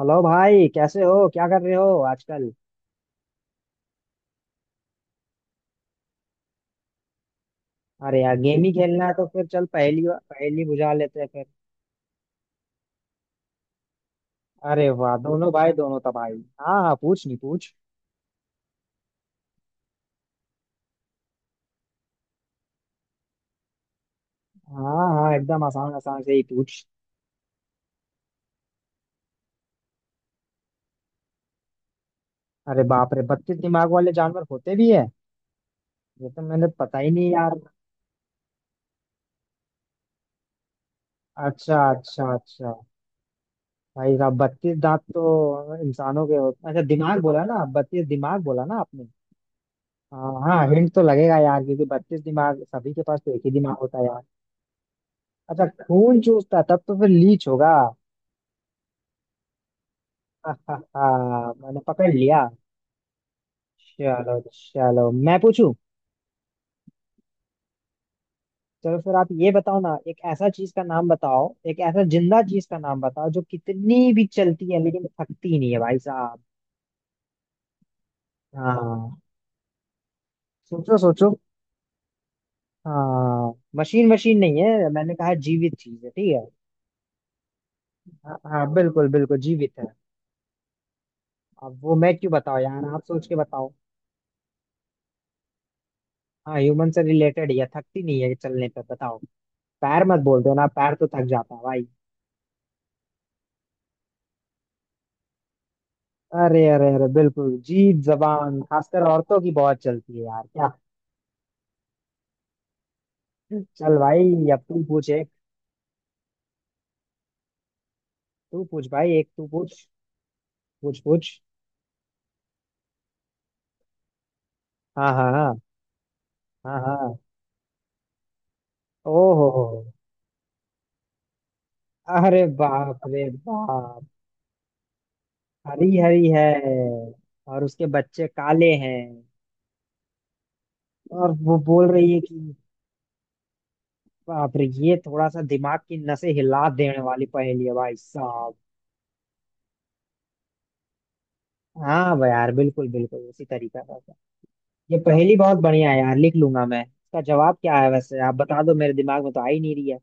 Hello भाई, कैसे हो? क्या कर रहे हो आजकल? अरे यार, गेम ही खेलना है तो फिर चल पहेली पहेली बुझा लेते हैं फिर। अरे वाह, दोनों भाई दोनों तो भाई। हाँ हाँ, पूछ। नहीं पूछ। हाँ हाँ, एकदम आसान आसान से ही पूछ। अरे बाप रे, 32 दिमाग वाले जानवर होते भी है? ये तो मैंने पता ही नहीं यार। अच्छा अच्छा अच्छा। भाई साहब, 32 दांत तो इंसानों के होते। अच्छा, दिमाग बोला ना? 32 दिमाग बोला ना आपने? हाँ हाँ, हिंट तो लगेगा यार क्योंकि 32 दिमाग, सभी के पास तो एक ही दिमाग होता है यार। अच्छा, खून चूसता तब तो फिर लीच होगा। मैंने पकड़ लिया। चलो चलो, मैं पूछूं। चलो फिर आप ये बताओ ना, एक ऐसा चीज का नाम बताओ, एक ऐसा जिंदा चीज का नाम बताओ जो कितनी भी चलती है लेकिन थकती नहीं है भाई साहब। हाँ। सोचो सोचो। हाँ, मशीन मशीन नहीं है, मैंने कहा जीवित चीज है, ठीक है? हाँ हाँ, बिल्कुल बिल्कुल जीवित है। अब वो मैं क्यों बताओ यार, आप सोच के बताओ। हाँ, ह्यूमन से रिलेटेड है, थकती नहीं है चलने पर, बताओ। पैर मत बोल देना, पैर तो थक जाता है भाई। अरे अरे अरे बिल्कुल, जीभ जबान खासकर औरतों की बहुत चलती है यार क्या। चल भाई, अब तू पूछ एक। तू पूछ भाई, एक तू पूछ। पूछ पूछ। हाँ हाँ हाँ। हाँ हाँ। ओहो हो। अरे बाप रे बाप। हरी हरी है। और उसके बच्चे काले हैं। और वो बोल रही है कि बाप रे, ये थोड़ा सा दिमाग की नसें हिला देने वाली पहेली है भाई साहब। हाँ भाई यार, बिल्कुल बिल्कुल उसी तरीका का। ये पहेली बहुत बढ़िया है यार, लिख लूंगा मैं। इसका जवाब क्या है वैसे? आप बता दो, मेरे दिमाग में तो आ ही नहीं रही है।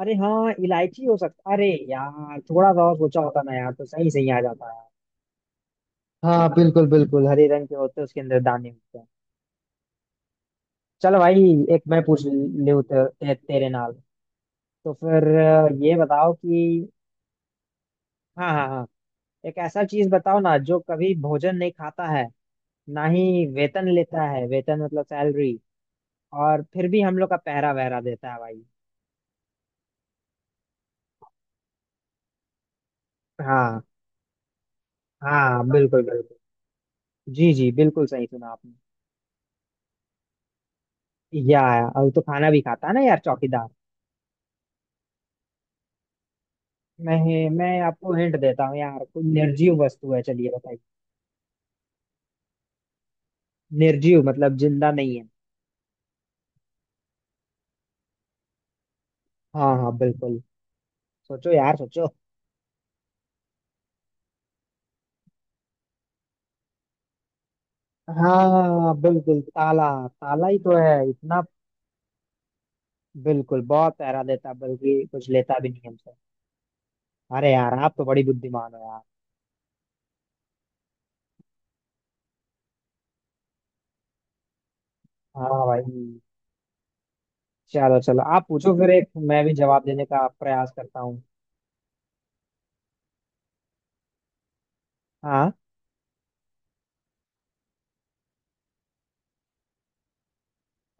अरे हाँ, इलायची हो सकता। अरे यार, थोड़ा सा और सोचा होता ना यार तो सही सही आ जाता है। हाँ बिल्कुल बिल्कुल, हरे रंग के होते हैं उसके अंदर दाने होते हैं। चलो भाई। एक मैं पूछ लूँ तेरे नाल। तो फिर ये बताओ कि हाँ हाँ हाँ, एक ऐसा चीज बताओ ना जो कभी भोजन नहीं खाता है, ना ही वेतन लेता है, वेतन मतलब सैलरी, और फिर भी हम लोग का पहरा वहरा देता है भाई। हाँ हाँ बिल्कुल बिल्कुल, जी जी बिल्कुल सही सुना आपने। या अब तो खाना भी खाता है ना यार चौकीदार। मैं आपको हिंट देता हूँ यार, कोई निर्जीव वस्तु है, चलिए बताइए। निर्जीव मतलब जिंदा नहीं है। हाँ हाँ बिल्कुल। सोचो यार सोचो। हाँ बिल्कुल, ताला ताला ही तो है इतना। बिल्कुल, बहुत पहरा देता, बल्कि कुछ लेता भी नहीं हमसे। अरे यार, आप तो बड़ी बुद्धिमान हो यार। हाँ भाई। चलो चलो, आप पूछो फिर, एक मैं भी जवाब देने का प्रयास करता हूँ। हाँ।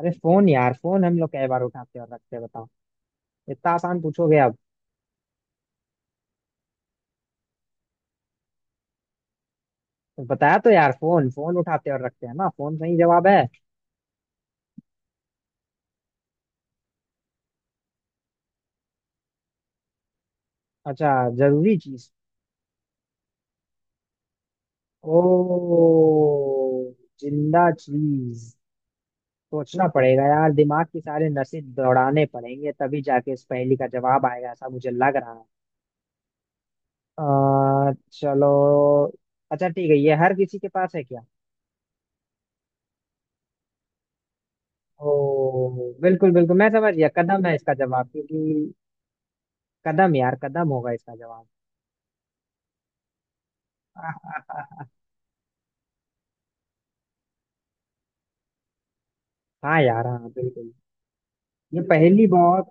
अरे फोन यार, फोन हम लोग कई बार उठाते और रखते हैं, बताओ। इतना आसान पूछोगे अब? तो बताया तो यार, फोन फोन उठाते और रखते हैं ना, फोन सही जवाब है। अच्छा, जरूरी चीज। ओ, जिंदा चीज। सोचना पड़ेगा यार, दिमाग की सारे नसें दौड़ाने पड़ेंगे तभी जाके इस पहेली का जवाब आएगा, ऐसा मुझे लग रहा है। चलो। अच्छा ठीक है, ये हर किसी के पास है क्या? ओ बिल्कुल बिल्कुल, मैं समझ गया, कदम है इसका जवाब क्योंकि कदम यार, कदम होगा इसका जवाब। हाँ यार। हाँ बिल्कुल। ये पहेली बहुत,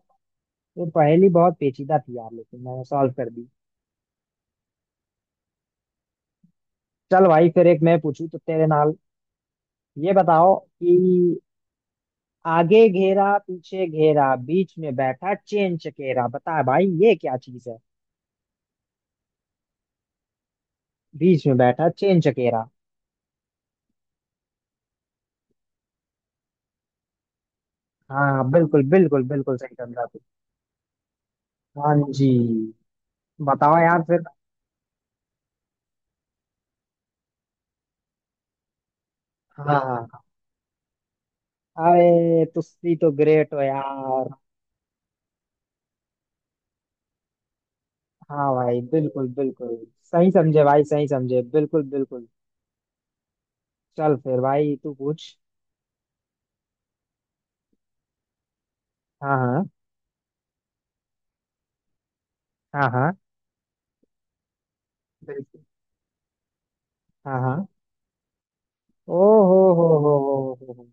ये पहेली बहुत पेचीदा थी यार, लेकिन मैंने सॉल्व कर दी। चल भाई, फिर एक मैं पूछूं तो तेरे नाल। ये बताओ कि आगे घेरा पीछे घेरा बीच में बैठा चेन चकेरा, बता भाई ये क्या चीज है? बीच में बैठा चेन चकेरा। हाँ बिल्कुल बिल्कुल बिल्कुल, सही समझा तू। हाँ जी। बताओ यार फिर। हाँ हाँ हाँ। अरे तुसी तो ग्रेट हो यार। हाँ भाई बिल्कुल बिल्कुल, सही समझे भाई सही समझे, बिल्कुल बिल्कुल। चल फिर भाई, तू पूछ। हाँ हाँ हाँ। हाँ बिल्कुल। हाँ हाँ। ओ हो हो।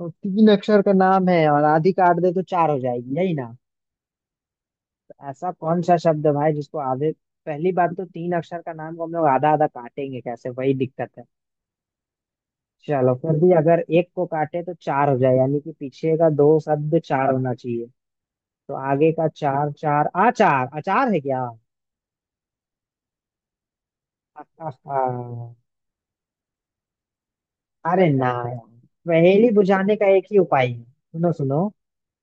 ओ, तीन अक्षर का नाम है और आधी काट दे तो चार हो जाएगी, यही ना? तो ऐसा कौन सा शब्द है भाई जिसको आधे, पहली बात तो तीन अक्षर का नाम को हम लोग आधा आधा काटेंगे कैसे, वही दिक्कत है। चलो फिर भी, अगर एक को काटे तो चार हो जाए यानी कि पीछे का दो शब्द चार होना चाहिए। तो आगे का चार, चार आचार, अचार है क्या? आहा, अरे ना यार। पहेली बुझाने का एक ही उपाय है, सुनो सुनो,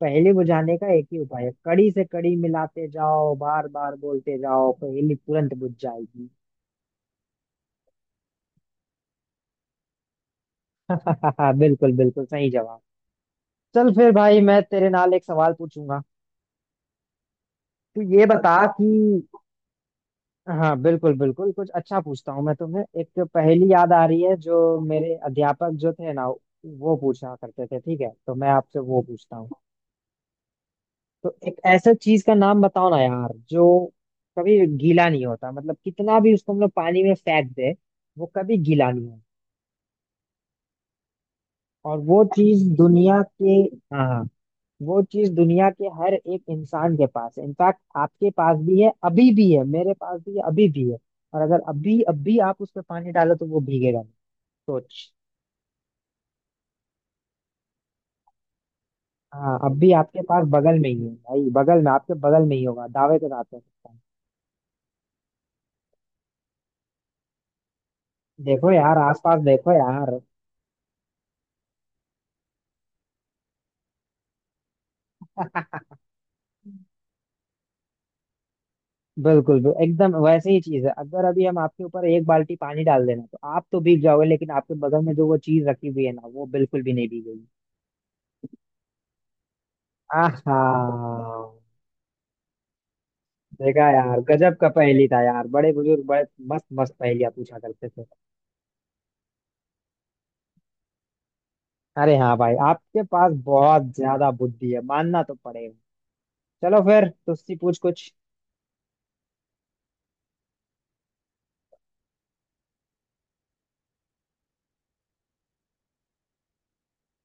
पहेली बुझाने का एक ही उपाय है, कड़ी से कड़ी मिलाते जाओ, बार बार बोलते जाओ, पहेली तुरंत बुझ जाएगी। बिल्कुल बिल्कुल सही जवाब। चल फिर भाई, मैं तेरे नाल एक सवाल पूछूंगा। तू ये बता कि हाँ बिल्कुल बिल्कुल, कुछ अच्छा पूछता हूँ। मैं तुम्हें एक पहेली, याद आ रही है जो मेरे अध्यापक जो थे ना, वो पूछा करते थे ठीक है, तो मैं आपसे वो पूछता हूँ। तो एक ऐसा चीज का नाम बताओ ना यार जो कभी गीला नहीं होता, मतलब कितना भी उसको हम लोग पानी में फेंक दे वो कभी गीला नहीं होता। और वो चीज दुनिया के, हाँ हाँ, वो चीज दुनिया के हर एक इंसान के पास है, इनफैक्ट आपके पास भी है अभी भी है, मेरे पास भी है अभी भी है। और अगर अभी अभी आप उस पर पानी डालो तो वो भीगेगा नहीं। सोच। हाँ, अभी आपके पास बगल में ही है भाई, बगल में, आपके बगल में ही होगा, दावे के साथ कह सकता हूँ। देखो यार, आसपास देखो यार। बिल्कुल बिल्कुल, एकदम वैसे ही चीज है, अगर अभी हम आपके ऊपर एक बाल्टी पानी डाल देना तो आप तो भीग जाओगे, लेकिन आपके बगल में जो वो चीज रखी हुई है ना वो बिल्कुल भी नहीं भीगेगी। आहा। देखा यार, गजब का पहेली था यार, बड़े बुजुर्ग बड़े मस्त मस्त पहेलियां पूछा करते थे। अरे हाँ भाई, आपके पास बहुत ज्यादा बुद्धि है, मानना तो पड़ेगा। चलो फिर तुझसे पूछ कुछ।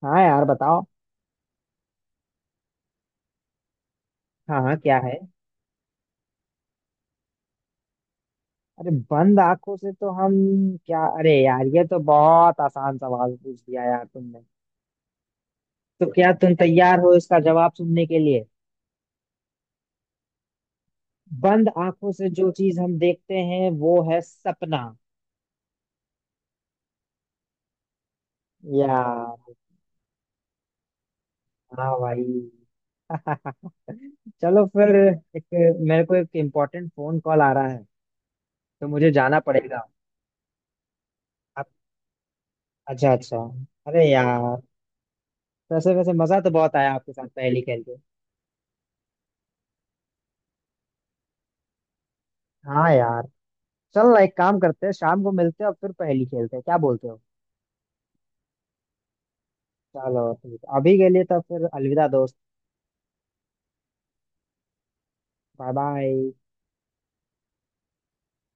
हाँ यार बताओ। हाँ हाँ, क्या है? अरे बंद आंखों से तो हम, क्या, अरे यार ये तो बहुत आसान सवाल पूछ दिया यार तुमने। तो क्या तुम तैयार हो इसका जवाब सुनने के लिए? बंद आंखों से जो चीज हम देखते हैं वो है सपना। यार, हाँ भाई। चलो फिर, एक मेरे को एक इम्पोर्टेंट फोन कॉल आ रहा है, तो मुझे जाना पड़ेगा। अ- अच्छा अच्छा। अरे यार, वैसे वैसे मजा तो बहुत आया आपके साथ पहेली खेल के। हाँ यार। चल ना, एक काम करते हैं, शाम को मिलते हैं और फिर पहेली खेलते हैं, क्या बोलते हो? चलो ठीक है, अभी के लिए तो फिर अलविदा दोस्त। Bye bye.